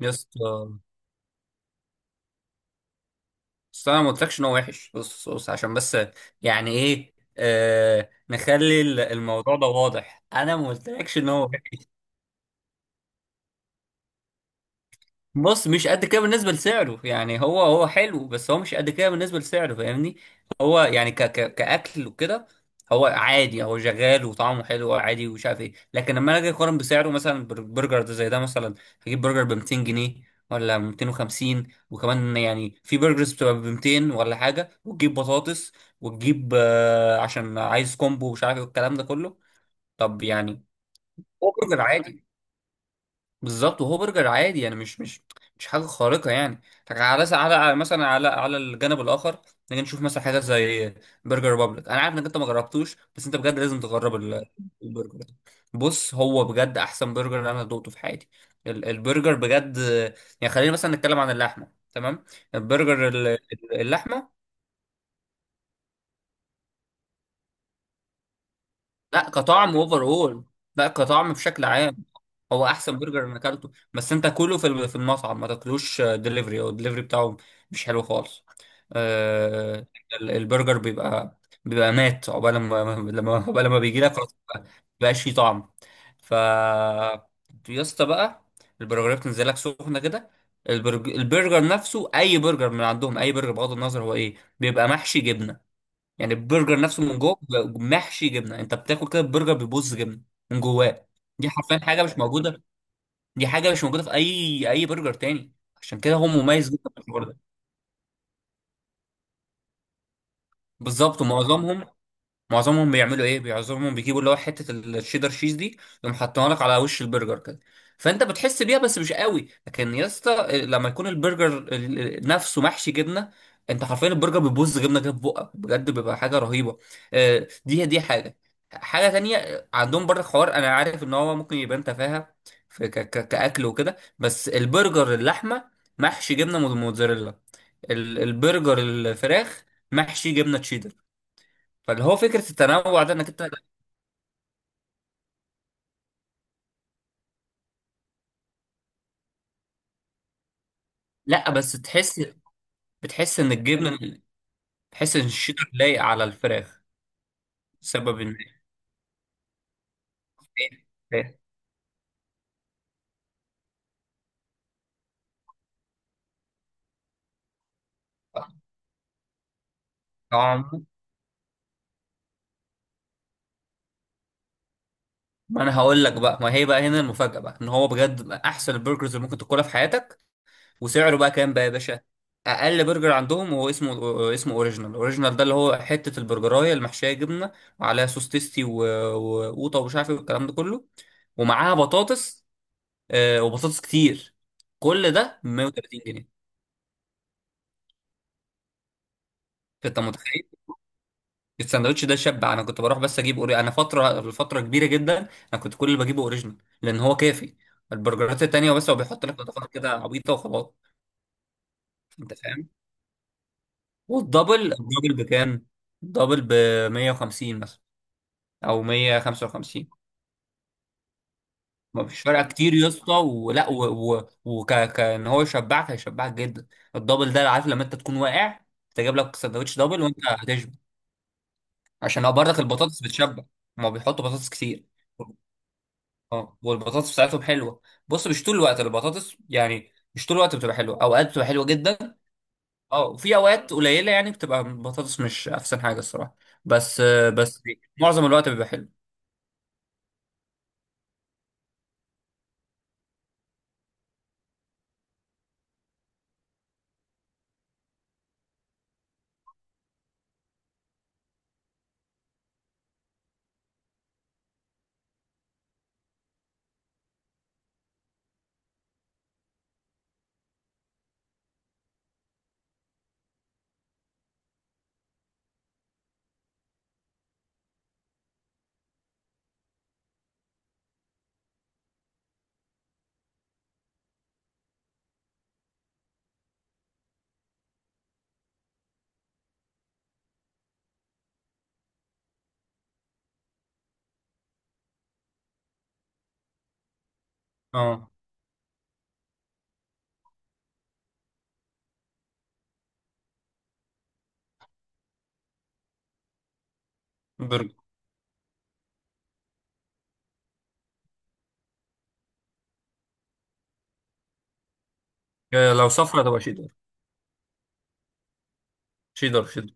يا اسطى، بس انا ما قلتلكش ان هو وحش. بص، عشان بس يعني ايه، نخلي الموضوع ده واضح. انا ما قلتلكش ان هو وحش. بص، مش قد كده بالنسبة لسعره. يعني هو حلو، بس هو مش قد كده بالنسبة لسعره، فاهمني؟ هو يعني ك ك كأكل وكده، هو عادي، هو شغال وطعمه حلو عادي ومش عارف ايه، لكن لما أنا اجي اقارن بسعره مثلا، برجر ده زي ده مثلا، هجيب برجر ب 200 جنيه ولا 250، وكمان يعني في برجرز بتبقى ب 200 ولا حاجة وتجيب بطاطس، وتجيب عشان عايز كومبو ومش عارف ايه والكلام ده كله. طب يعني هو برجر عادي. بالظبط، وهو برجر عادي. يعني مش حاجه خارقه يعني. لكن على مثلا، على على الجانب الاخر، نيجي نشوف مثلا حاجات زي برجر ريبابليك. انا عارف انك انت ما جربتوش، بس انت بجد لازم تجرب البرجر ده. بص هو بجد احسن برجر انا دوقته في حياتي. البرجر بجد. يعني خلينا مثلا نتكلم عن اللحمه. تمام، البرجر اللحمه. لا كطعم اوفر اول، لا كطعم بشكل عام. هو احسن برجر انا اكلته، بس انت كله في في المطعم، ما تاكلوش دليفري، او الدليفري بتاعه مش حلو خالص. آه، البرجر بيبقى، بيبقى مات، عقبال ما بيجي لك خلاص بقاش فيه طعم. ف يا اسطى بقى، البرجرات بتنزل لك سخنه كده. البرجر نفسه، اي برجر من عندهم، اي برجر بغض النظر هو ايه، بيبقى محشي جبنه. يعني البرجر نفسه من جوه بيبقى محشي جبنه. انت بتاكل كده البرجر بيبوظ جبنه من جواه. دي حرفيا حاجه مش موجوده. دي حاجه مش موجوده في اي برجر تاني. عشان كده هو مميز جدا في الحوار ده. بالظبط، ومعظمهم بيعملوا ايه؟ معظمهم بيجيبوا اللي هو حته الشيدر شيز دي، يقوم حاطينها لك على وش البرجر كده، فانت بتحس بيها بس مش قوي. لكن يا اسطى، لما يكون البرجر نفسه محشي جبنه، انت حرفيا البرجر بيبوظ جبنه كده في بقك. بجد بيبقى حاجه رهيبه. دي حاجه. حاجه تانية عندهم برضه، حوار انا عارف ان هو ممكن يبان تفاهه في كاكل وكده، بس البرجر اللحمه محشي جبنه موتزاريلا، البرجر الفراخ محشي جبنه تشيدر. فاللي هو فكرة التنوع ده، انك انت. لا بس تحس، بتحس ان الجبنة، بتحس ان الشيدر لايق على الفراخ بسبب ان طعم. ما انا هقول لك بقى، ما هي بقى هنا المفاجأة بقى، ان هو بجد بقى احسن البرجرز اللي ممكن تاكلها في حياتك. وسعره بقى كام بقى يا باشا؟ اقل برجر عندهم هو اسمه اوريجينال. اوريجينال ده اللي هو حتة البرجراية المحشية جبنة، وعليها سوس تيستي وقوطة ومش عارف ايه والكلام ده كله، ومعاها بطاطس. وبطاطس كتير. كل ده 130 جنيه. انت متخيل؟ الساندوتش ده شبع. انا كنت بروح بس اجيب انا فتره لفتره كبيره جدا انا كنت كل اللي بجيبه اوريجينال، لان هو كافي. البرجرات التانية بس هو بيحط لك اضافات كده عبيطه وخلاص. انت فاهم؟ والدبل، الدبل بكام؟ الدبل ب 150 مثلا، او 155. ما فيش فرق كتير يا اسطى، ولا ان هو يشبعك هيشبعك جدا. الدبل ده، عارف لما انت تكون واقع، تجيب لك ساندوتش دبل وانت هتشبع، عشان برضك البطاطس بتشبع. هما بيحطوا بطاطس كتير. اه، والبطاطس بتاعتهم حلوه. بص، مش طول الوقت البطاطس، يعني مش طول الوقت بتبقى حلوه. اوقات بتبقى حلوه جدا، اه، وفي اوقات قليله يعني بتبقى البطاطس مش احسن حاجه الصراحه. بس، بس معظم الوقت بيبقى حلو. اه برجر. لو سفره تبقى شيدر. شيدر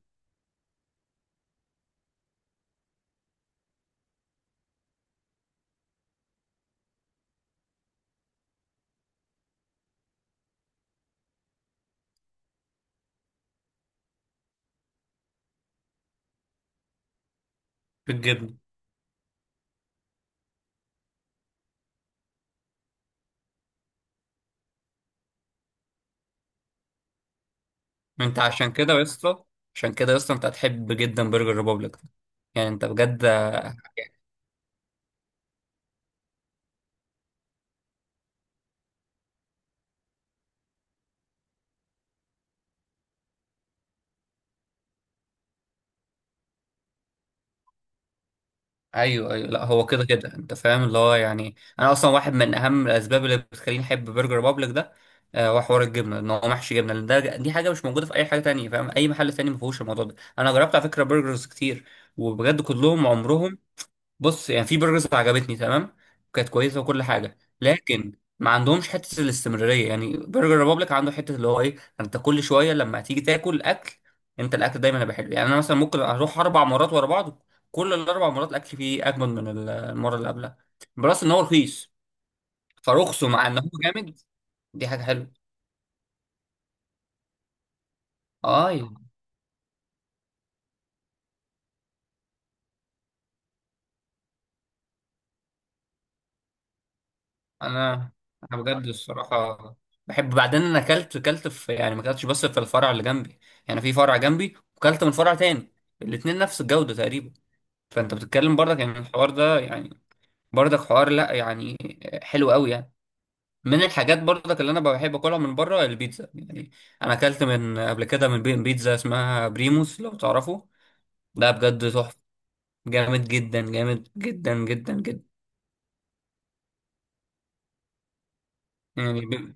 بالجبن. انت عشان كده يا اسطى، عشان كده يا اسطى، انت هتحب جدا برجر ريبوبليك ده. يعني انت بجد. ايوه ايوه، لا هو كده كده انت فاهم اللي هو يعني، انا اصلا واحد من اهم الاسباب اللي بتخليني احب برجر بابليك ده، هو حوار الجبنه، ان هو محشي جبنه. لان ده، دي حاجه مش موجوده في اي حاجه تانية، فاهم؟ اي محل تاني ما فيهوش الموضوع ده. انا جربت على فكره برجرز كتير، وبجد كلهم عمرهم. بص يعني، في برجرز عجبتني تمام، كانت كويسه وكل حاجه، لكن ما عندهمش حته الاستمراريه. يعني برجر ريبابليك عنده حته اللي هو ايه، انت كل شويه لما تيجي تاكل اكل، انت الاكل دايما هيبقى حلو. يعني انا مثلا ممكن اروح 4 مرات ورا بعض، كل ال 4 مرات الاكل فيه اجمد من المره اللي قبلها. بلس ان هو رخيص، فرخصه مع ان هو جامد، دي حاجه حلوه. اه يعني. انا انا بجد الصراحه بحب. بعدين انا اكلت في، يعني ما اكلتش بس في الفرع اللي جنبي، يعني في فرع جنبي وكلت من فرع تاني. الاتنين نفس الجوده تقريبا. فانت بتتكلم برضك يعني الحوار ده يعني، برضك حوار، لا يعني حلو قوي يعني. من الحاجات برضك اللي انا بحب اكلها من بره، البيتزا يعني. انا اكلت من قبل كده من بيتزا اسمها بريموس، لو تعرفه، ده بجد تحفه. جامد جدا، جامد جدا جدا جدا. يعني بي...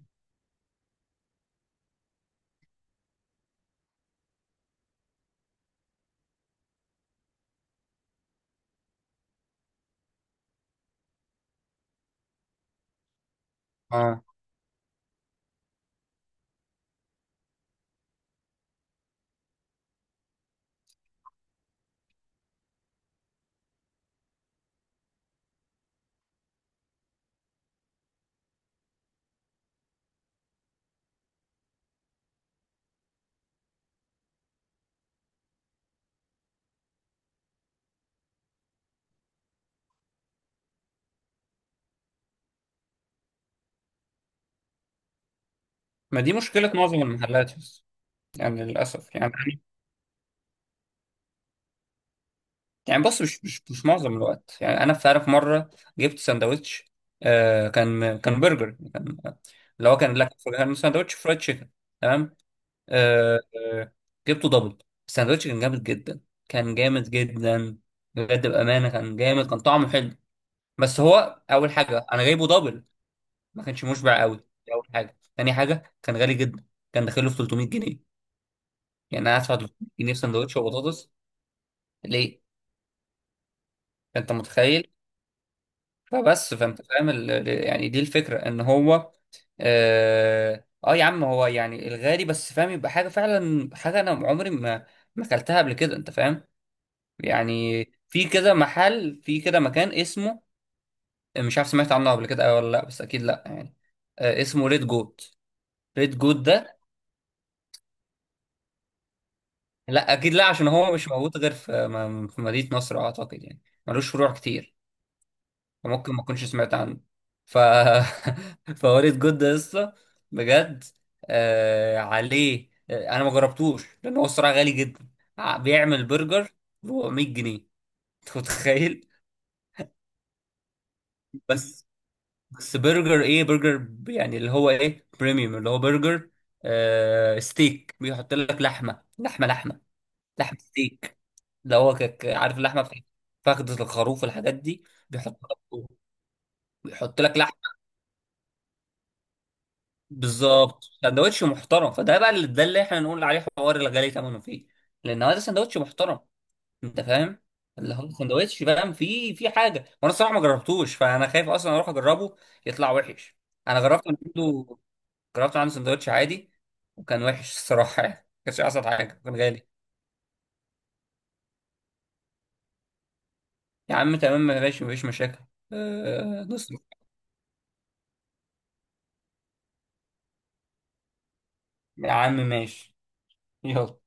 اه. ما دي مشكله معظم المحلات يعني، للأسف يعني. يعني بص، مش معظم الوقت يعني. أنا في، عارف مرة جبت ساندوتش، كان برجر، كان اللي هو كان لك كان ساندوتش فرايد تشيكن، تمام، آه آه، جبته دبل. الساندوتش كان جامد جدا، كان جامد جدا، بجد بأمانة كان جامد، كان طعمه حلو، بس هو أول حاجة أنا جايبه دبل، ما كانش مشبع قوي. دي أول حاجة. تاني حاجة، كان غالي جدا. كان داخله في 300 جنيه. يعني أنا هدفع 300 جنيه في ساندوتش وبطاطس؟ ليه؟ أنت متخيل؟ فبس، فانت فاهم يعني دي الفكره، ان هو اه. يا عم، هو يعني الغالي بس فاهم، يبقى حاجه فعلا، حاجه انا عمري ما اكلتها قبل كده. انت فاهم؟ يعني في كده محل، في كده مكان اسمه، مش عارف سمعت عنه قبل كده ولا لا، بس اكيد لا يعني. اسمه ريد جوت. ريد جوت ده، لا اكيد لا، عشان هو مش موجود غير في في مدينه نصر اعتقد يعني. ملوش فروع كتير، وممكن ما اكونش سمعت عنه. ف فوريد جود ده لسه بجد عليه. انا ما جربتوش لان هو الصراحه غالي جدا. بيعمل برجر ب 400 جنيه. انت متخيل؟ بس، برجر ايه؟ برجر يعني اللي هو ايه، بريميوم، اللي هو برجر ستيك، بيحط لك لحمه، لحمه ستيك. اللي هو عارف اللحمه في فخدة الخروف والحاجات دي، بيحط لك، لحمه. بالظبط، سندوتش محترم. فده بقى اللي، ده اللي احنا نقول عليه حوار الغالي ثمنه فيه، لان هو ده سندوتش محترم. انت فاهم؟ اللي هو سندوتش فاهم، فيه في حاجه. وانا الصراحه ما جربتوش، فانا خايف اصلا اروح اجربه يطلع وحش. انا جربت من عنده، جربت عنده سندوتش عادي، وكان وحش الصراحه يعني. ما كانش احسن حاجه، كان غالي. يا عم تمام، ماشي، مفيش مشاكل. أه نصرف. يا عم ماشي. يلا.